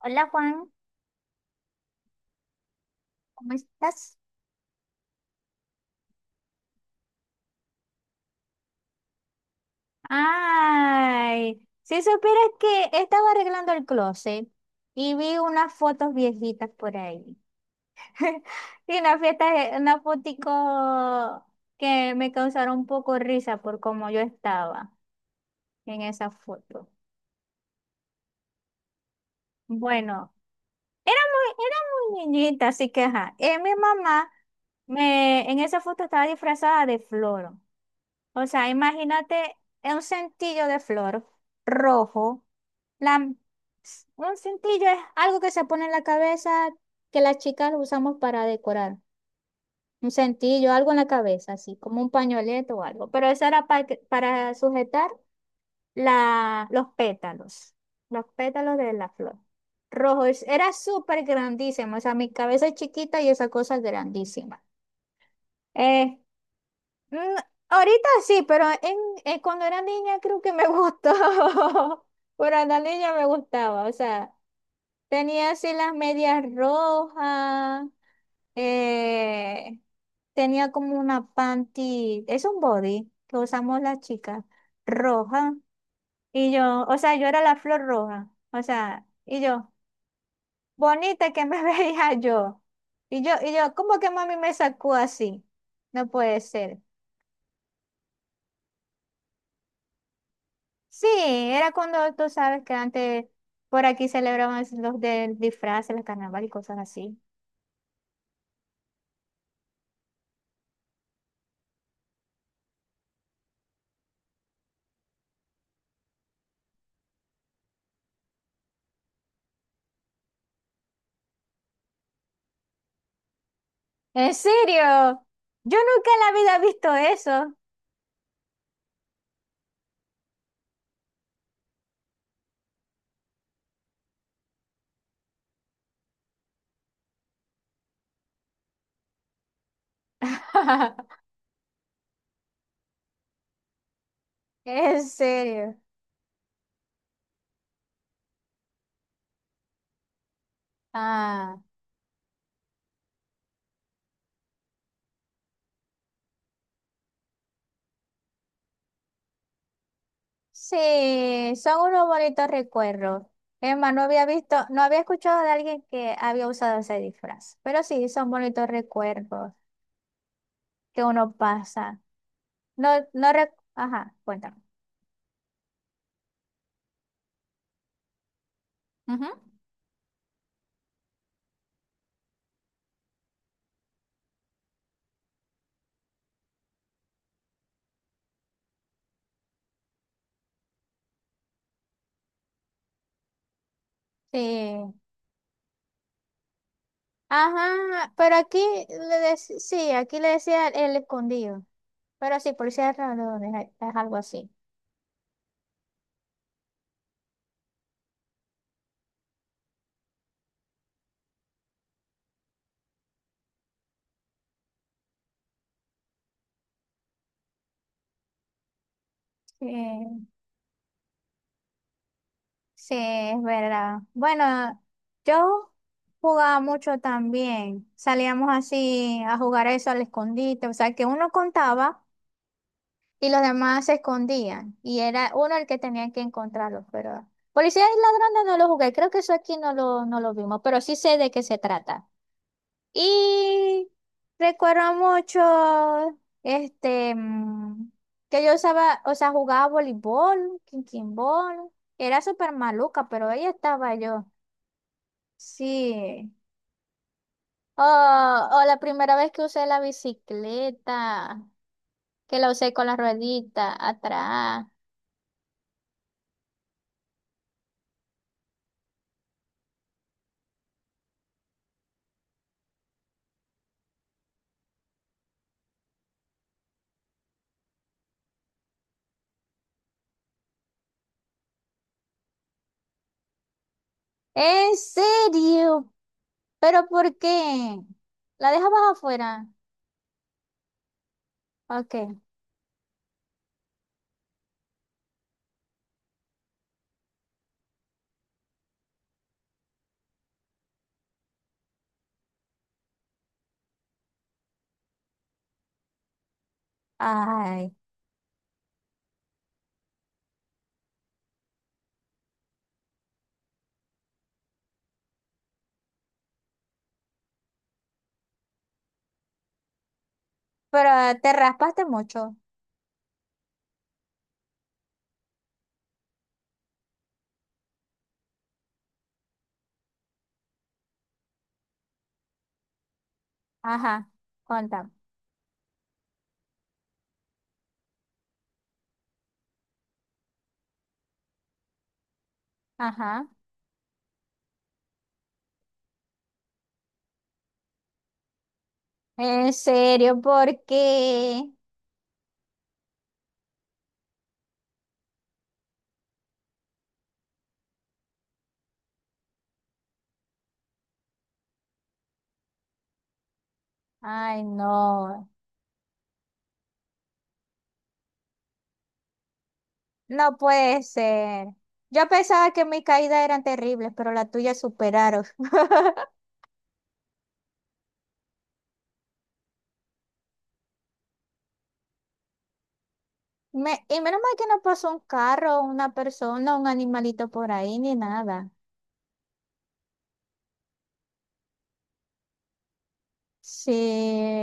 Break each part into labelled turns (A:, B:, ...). A: Hola Juan, ¿cómo estás? Ay, si supieras que estaba arreglando el closet y vi unas fotos viejitas por ahí. Y una fiesta, una fotico que me causaron un poco risa por cómo yo estaba en esa foto. Bueno, era era muy niñita, así que ajá. Mi mamá me, en esa foto estaba disfrazada de flor. O sea, imagínate un centillo de flor rojo. La, un cintillo es algo que se pone en la cabeza que las chicas lo usamos para decorar. Un cintillo, algo en la cabeza, así como un pañoleto o algo. Pero eso era para sujetar la, los pétalos de la flor. Rojo, era súper grandísimo. O sea, mi cabeza es chiquita y esa cosa es grandísima. Eh, mm, ahorita sí, pero cuando era niña creo que me gustó. Cuando era niña me gustaba, o sea. Tenía así las medias rojas, eh, tenía como una panty, es un body que usamos las chicas, roja. Y yo, o sea, yo era la flor roja, o sea, y yo, bonita que me veía yo. Y yo, ¿cómo que mami me sacó así? No puede ser. Sí, era cuando tú sabes que antes por aquí celebraban los del disfraz, el carnaval y cosas así. ¿En serio? Yo nunca en la vida he visto eso. ¿En serio? Ah, sí, son unos bonitos recuerdos. Emma, no había visto, no había escuchado de alguien que había usado ese disfraz, pero sí, son bonitos recuerdos que uno pasa. No, no, rec- ajá, cuéntame. Ujú. Sí, ajá, pero aquí sí, aquí le decía el escondido, pero sí, por cierto, no, es algo así. Sí. Sí, es verdad. Bueno, yo jugaba mucho también. Salíamos así a jugar eso al escondite. O sea, que uno contaba y los demás se escondían. Y era uno el que tenía que encontrarlos. Pero policía y ladrones no lo jugué. Creo que eso aquí no lo vimos. Pero sí sé de qué se trata. Y recuerdo mucho, que yo usaba, o sea, jugaba voleibol, quinquinbol. Era súper maluca, pero ahí estaba yo. Sí. O la primera vez que usé la bicicleta, que la usé con la ruedita atrás. ¿En serio? ¿Pero por qué? ¿La dejabas afuera? Ok. Ay, pero te raspaste mucho. Ajá, cuéntame. Ajá. En serio, ¿por qué? Ay, no, no puede ser. Yo pensaba que mis caídas eran terribles, pero las tuyas superaron. Y menos mal que no pasó un carro, una persona, un animalito por ahí, ni nada. Sí.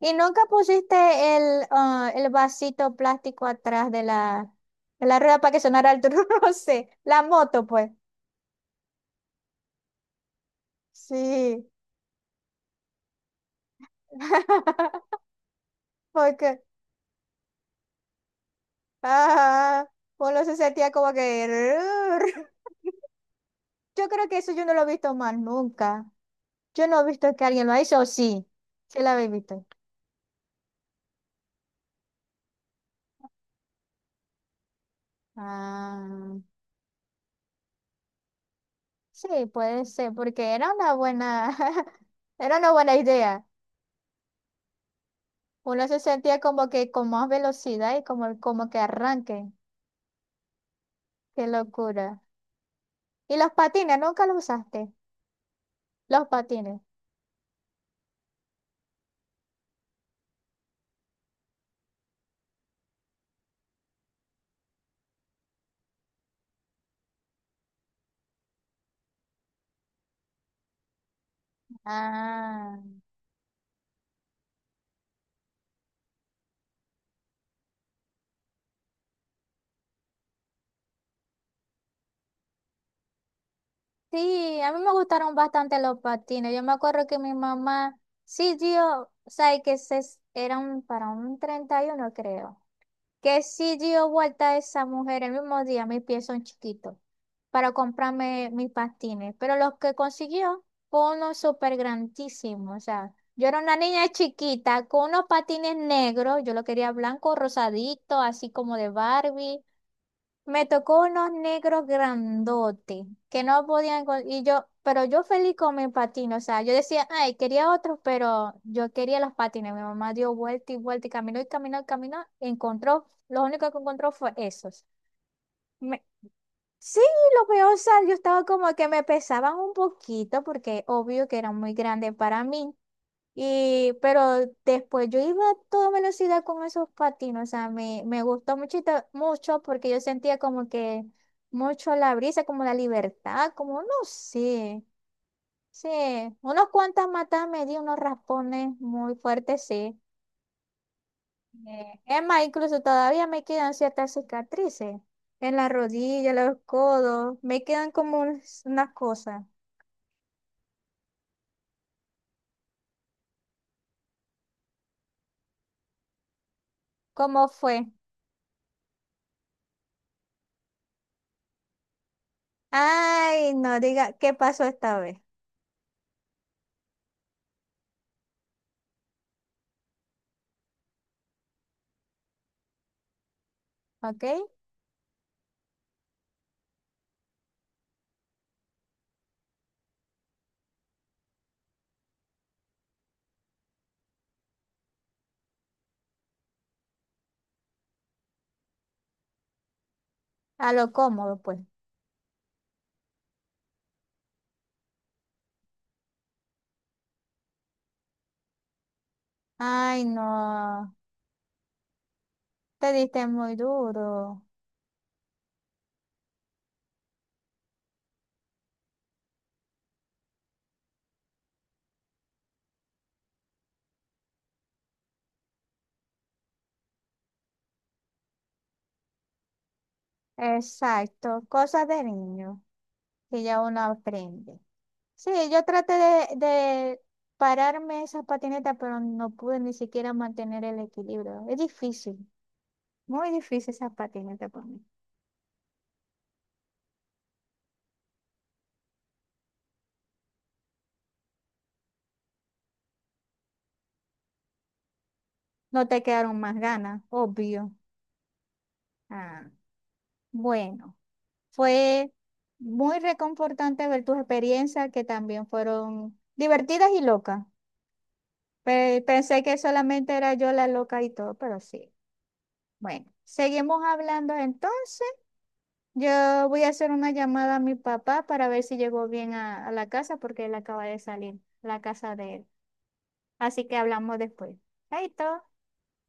A: ¿Y nunca pusiste el, ah, el vasito plástico atrás de la rueda para que sonara el truce? La moto, pues. Sí. Porque ajá. Uno se sentía como que... "Rrr". Yo creo que eso yo no lo he visto más nunca. Yo no he visto que alguien lo ha hecho, sí. Sí la habéis visto. Ah, sí, puede ser, porque era una buena, era una buena idea. Uno se sentía como que con más velocidad y como, como que arranque. Qué locura. Y los patines, nunca los usaste. Los patines. Ah. Sí, a mí me gustaron bastante los patines. Yo me acuerdo que mi mamá sí dio, o sea, eran para un 31, creo, que sí dio vuelta a esa mujer el mismo día, mis pies son chiquitos, para comprarme mis patines. Pero los que consiguió fue uno súper grandísimo. O sea, yo era una niña chiquita con unos patines negros, yo lo quería blanco, rosadito, así como de Barbie. Me tocó unos negros grandotes que no podían con- y yo, pero yo feliz con mis patines, o sea, yo decía, ay, quería otros, pero yo quería los patines. Mi mamá dio vuelta y vuelta y caminó y caminó y caminó, encontró, lo único que encontró fue esos. Me- sí, lo peor, o sea, yo estaba como que me pesaban un poquito porque obvio que eran muy grandes para mí. Y, pero después yo iba a toda velocidad con esos patines, o sea, me gustó muchito, mucho porque yo sentía como que mucho la brisa, como la libertad, como no sé, sí, unos cuantas matas me di, unos raspones muy fuertes, sí. Es más, incluso todavía me quedan ciertas cicatrices en la rodilla, los codos, me quedan como unas cosas. ¿Cómo fue? Ay, no diga, ¿qué pasó esta vez? ¿Ok? A lo cómodo, pues. Ay, no, te diste muy duro. Exacto, cosas de niño que ya uno aprende. Sí, yo traté de pararme esas patinetas, pero no pude ni siquiera mantener el equilibrio. Es difícil, muy difícil esas patinetas para mí. No te quedaron más ganas, obvio. Ah, bueno, fue muy reconfortante ver tus experiencias que también fueron divertidas y locas. Pensé que solamente era yo la loca y todo, pero sí. Bueno, seguimos hablando entonces. Yo voy a hacer una llamada a mi papá para ver si llegó bien a la casa porque él acaba de salir, la casa de él. Así que hablamos después. Chaito.